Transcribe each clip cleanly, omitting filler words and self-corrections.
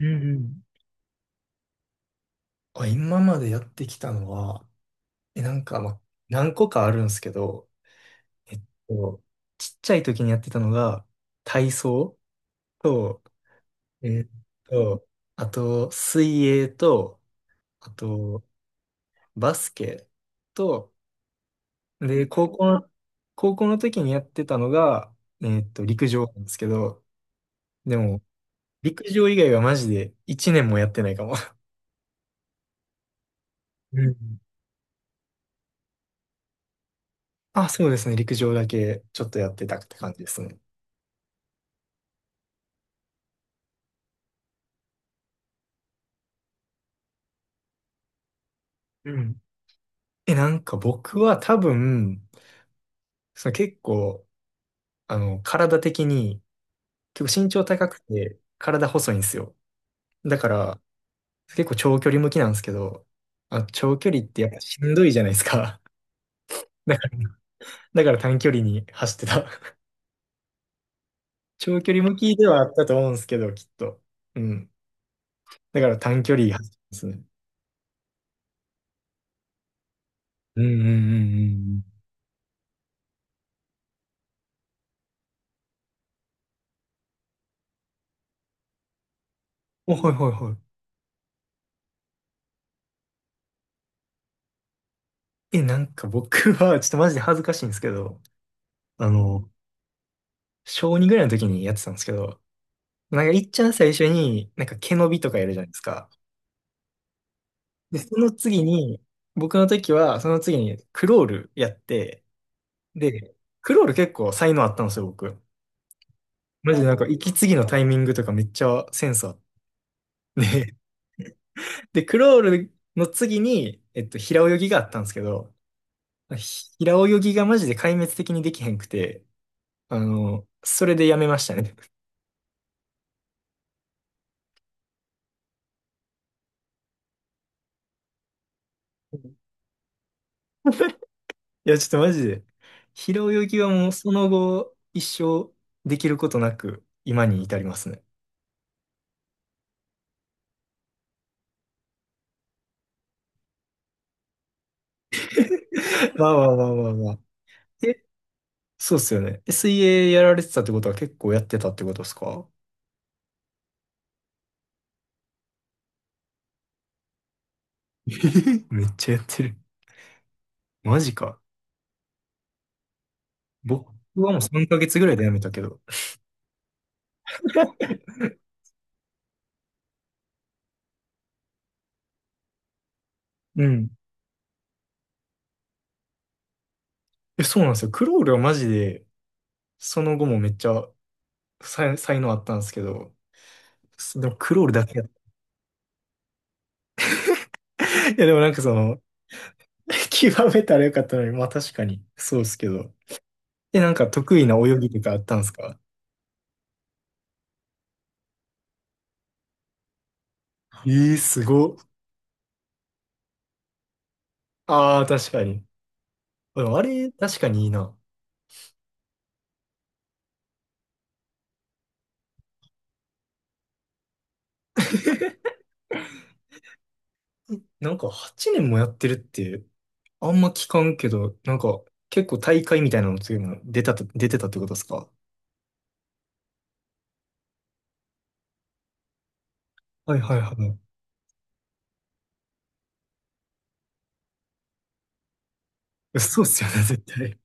うんうん。あ、今までやってきたのは、なんか、まあ、何個かあるんですけど、えっと、ちっちゃい時にやってたのが、体操と、えっと、あと、水泳と、あと、バスケと、で、高校の時にやってたのが、陸上なんですけど、でも、陸上以外はマジで1年もやってないかも。うん。 あ、そうですね、陸上だけちょっとやってたって感じですね。うん。なんか僕は多分、その結構、体的に、結構身長高くて、体細いんですよ。だから、結構長距離向きなんですけど、あ、長距離ってやっぱしんどいじゃないですか。だから、短距離に走ってた。長距離向きではあったと思うんですけど、きっと。うん。だから短距離走ってますね。うんうんうんうん。お、はいはいはい。なんか僕は、ちょっとマジで恥ずかしいんですけど、あの、小2ぐらいの時にやってたんですけど、なんか、いっちゃん最初に、なんか毛伸びとかやるじゃないですか。で、その次に、僕の時は、その次にクロールやって、で、クロール結構才能あったんですよ、僕。マジでなんか、息継ぎのタイミングとかめっちゃセンスあって。で、クロールの次に、平泳ぎがあったんですけど、平泳ぎがマジで壊滅的にできへんくて、それでやめましたね。いや、ちょっとマジで、平泳ぎはもうその後、一生できることなく、今に至りますね。わあわあわあわあわあ。え、そうっすよね。水泳やられてたってことは結構やってたってことですか？えー、 めっちゃやってる。マジか。僕はもう3ヶ月ぐらいでやめたけど。うん。そうなんですよ。クロールはマジで、その後もめっちゃ才能あったんですけど、でもクロールだけやった。いや、でもなんか極めたらよかったのに、まあ確かに、そうっすけど。なんか得意な泳ぎとかあったんですか？ええーすごっ。ああ、確かに。でもあれ、確かにいいな。えなんか8年もやってるって、あんま聞かんけど、なんか結構大会みたいなのつも出てたってことですか？はいはいはい。そうっすよね、絶対。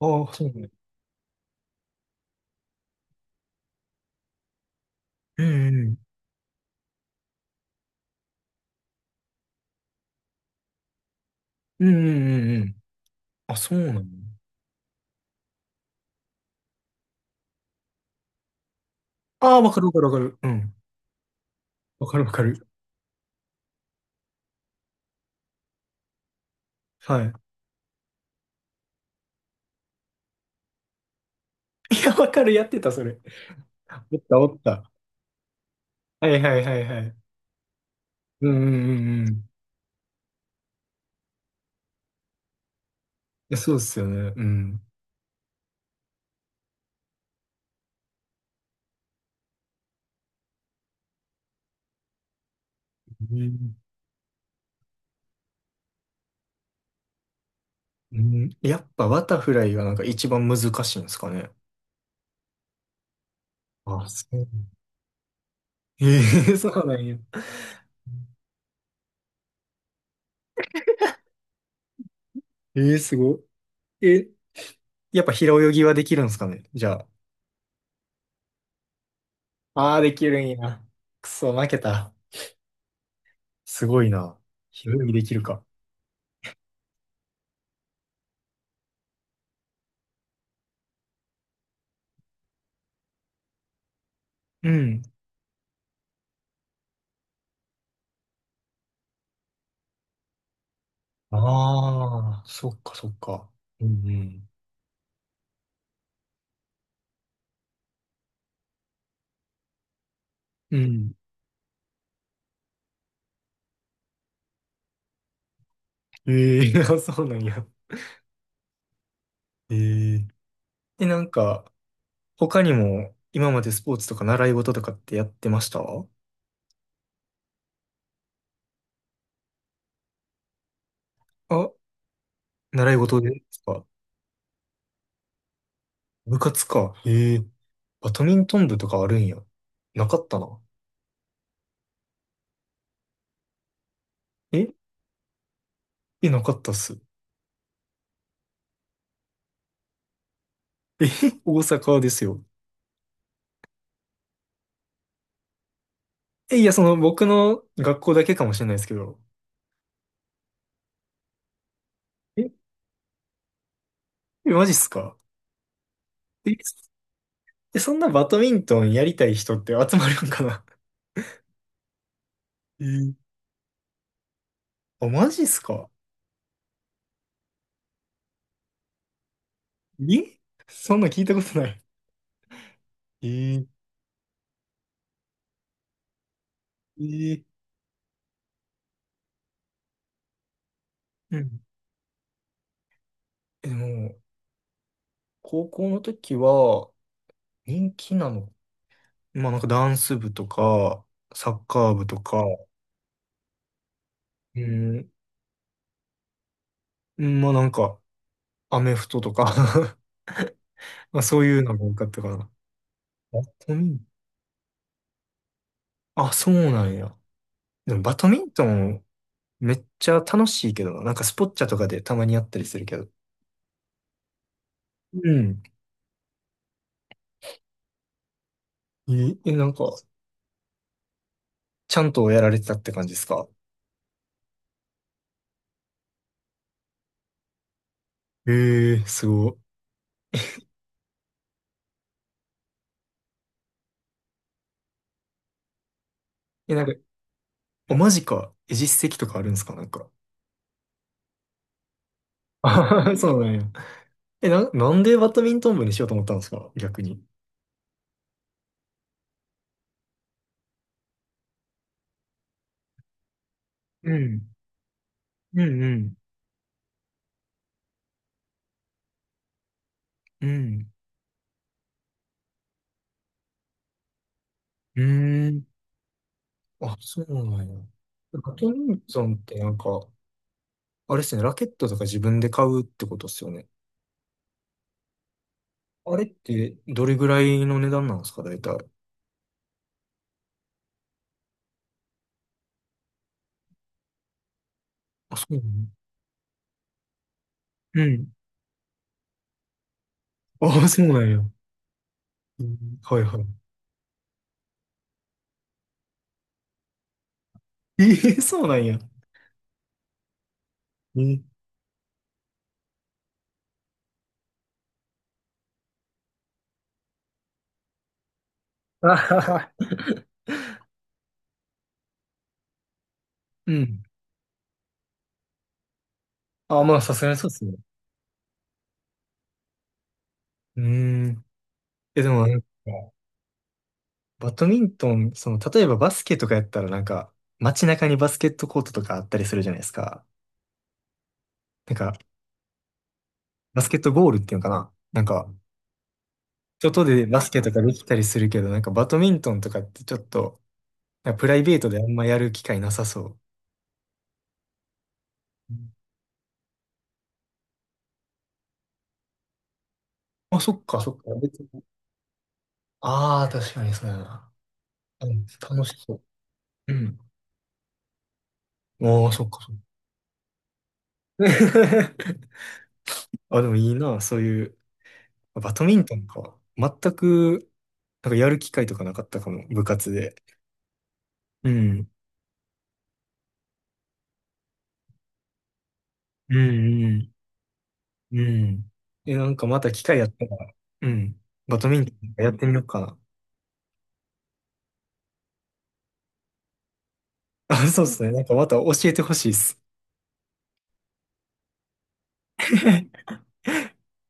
ああ、そうね。うんうん。うんうんうんうん。あ、そうなの？ああ、わかるわかるわかる。うん。わかるわかる。はい。いや、わかる、やってた、それ。おったおった。はいはいはいはい。うんうんうんうん。やそうですよね。うん。うんうん。やっぱバタフライがなんか一番難しいんですかね？あ、そう。えー、 そうなんや。えーすごい。やっぱ平泳ぎはできるんですかね。じゃあ。ああ、できるんや。くそ、負けた。すごいな。平泳ぎできるか。うん。ああ、そっかそっか。うんうん。うん。ええ、 そうなんや。ええで、なんか、他にも今までスポーツとか習い事とかってやってました？あ、習い事でですか？部活か。ええ。バドミントン部とかあるんや。なかったな。ええ、なかったっす。え、大阪ですよ。いや、僕の学校だけかもしれないですけど。え、マジっすか？え、そんなバドミントンやりたい人って集まるんかな？えーあ、マジっすか？えそんな聞いたことない。えーえーうん。でも、高校の時は人気なの、まあなんかダンス部とか、サッカー部とか、うん、まあなんか、アメフトとか まあそういうのが多かったかな。バドミンあ、そうなんや。でもバドミントンめっちゃ楽しいけどな。なんかスポッチャとかでたまにやったりするけど。うん。なんか、ちゃんとやられてたって感じですか？ええーすごい。なんか、お、マジか。実績とかあるんですかなんか。あははそうなんや。なんでバドミントン部にしようと思ったんですか逆に？うん。うんうん。うん。うーん。あ、そうなんや。バドミントンってなんか、あれっすね、ラケットとか自分で買うってことっすよね。あれってどれぐらいの値段なんですか、大体？あ、そうなの？うん。あ、そうなんや。うんはいはい。ええそうなんや。えーあはは、 うん。あ、まあ、さすがにそうっすね。うーん。でもなんか、バドミントン、例えばバスケとかやったらなんか、街中にバスケットコートとかあったりするじゃないですか。なんか、バスケットゴールっていうのかななんか、外でバスケとかできたりするけど、なんかバドミントンとかってちょっと、なんかプライベートであんまやる機会なさそう。うん。あ、そっか、そっか。別に。ああ、確かにそうやな。うん、楽しそう。うん。ああ、そっか、そっか。あ、でもいいな、そういう、バドミントンか。全く、なんかやる機会とかなかったかも、部活で。うん。うん、うん、うん。なんかまた機会やったら、うん。バドミントンやってみようかな。あ、そうですね。なんかまた教えてほしいです。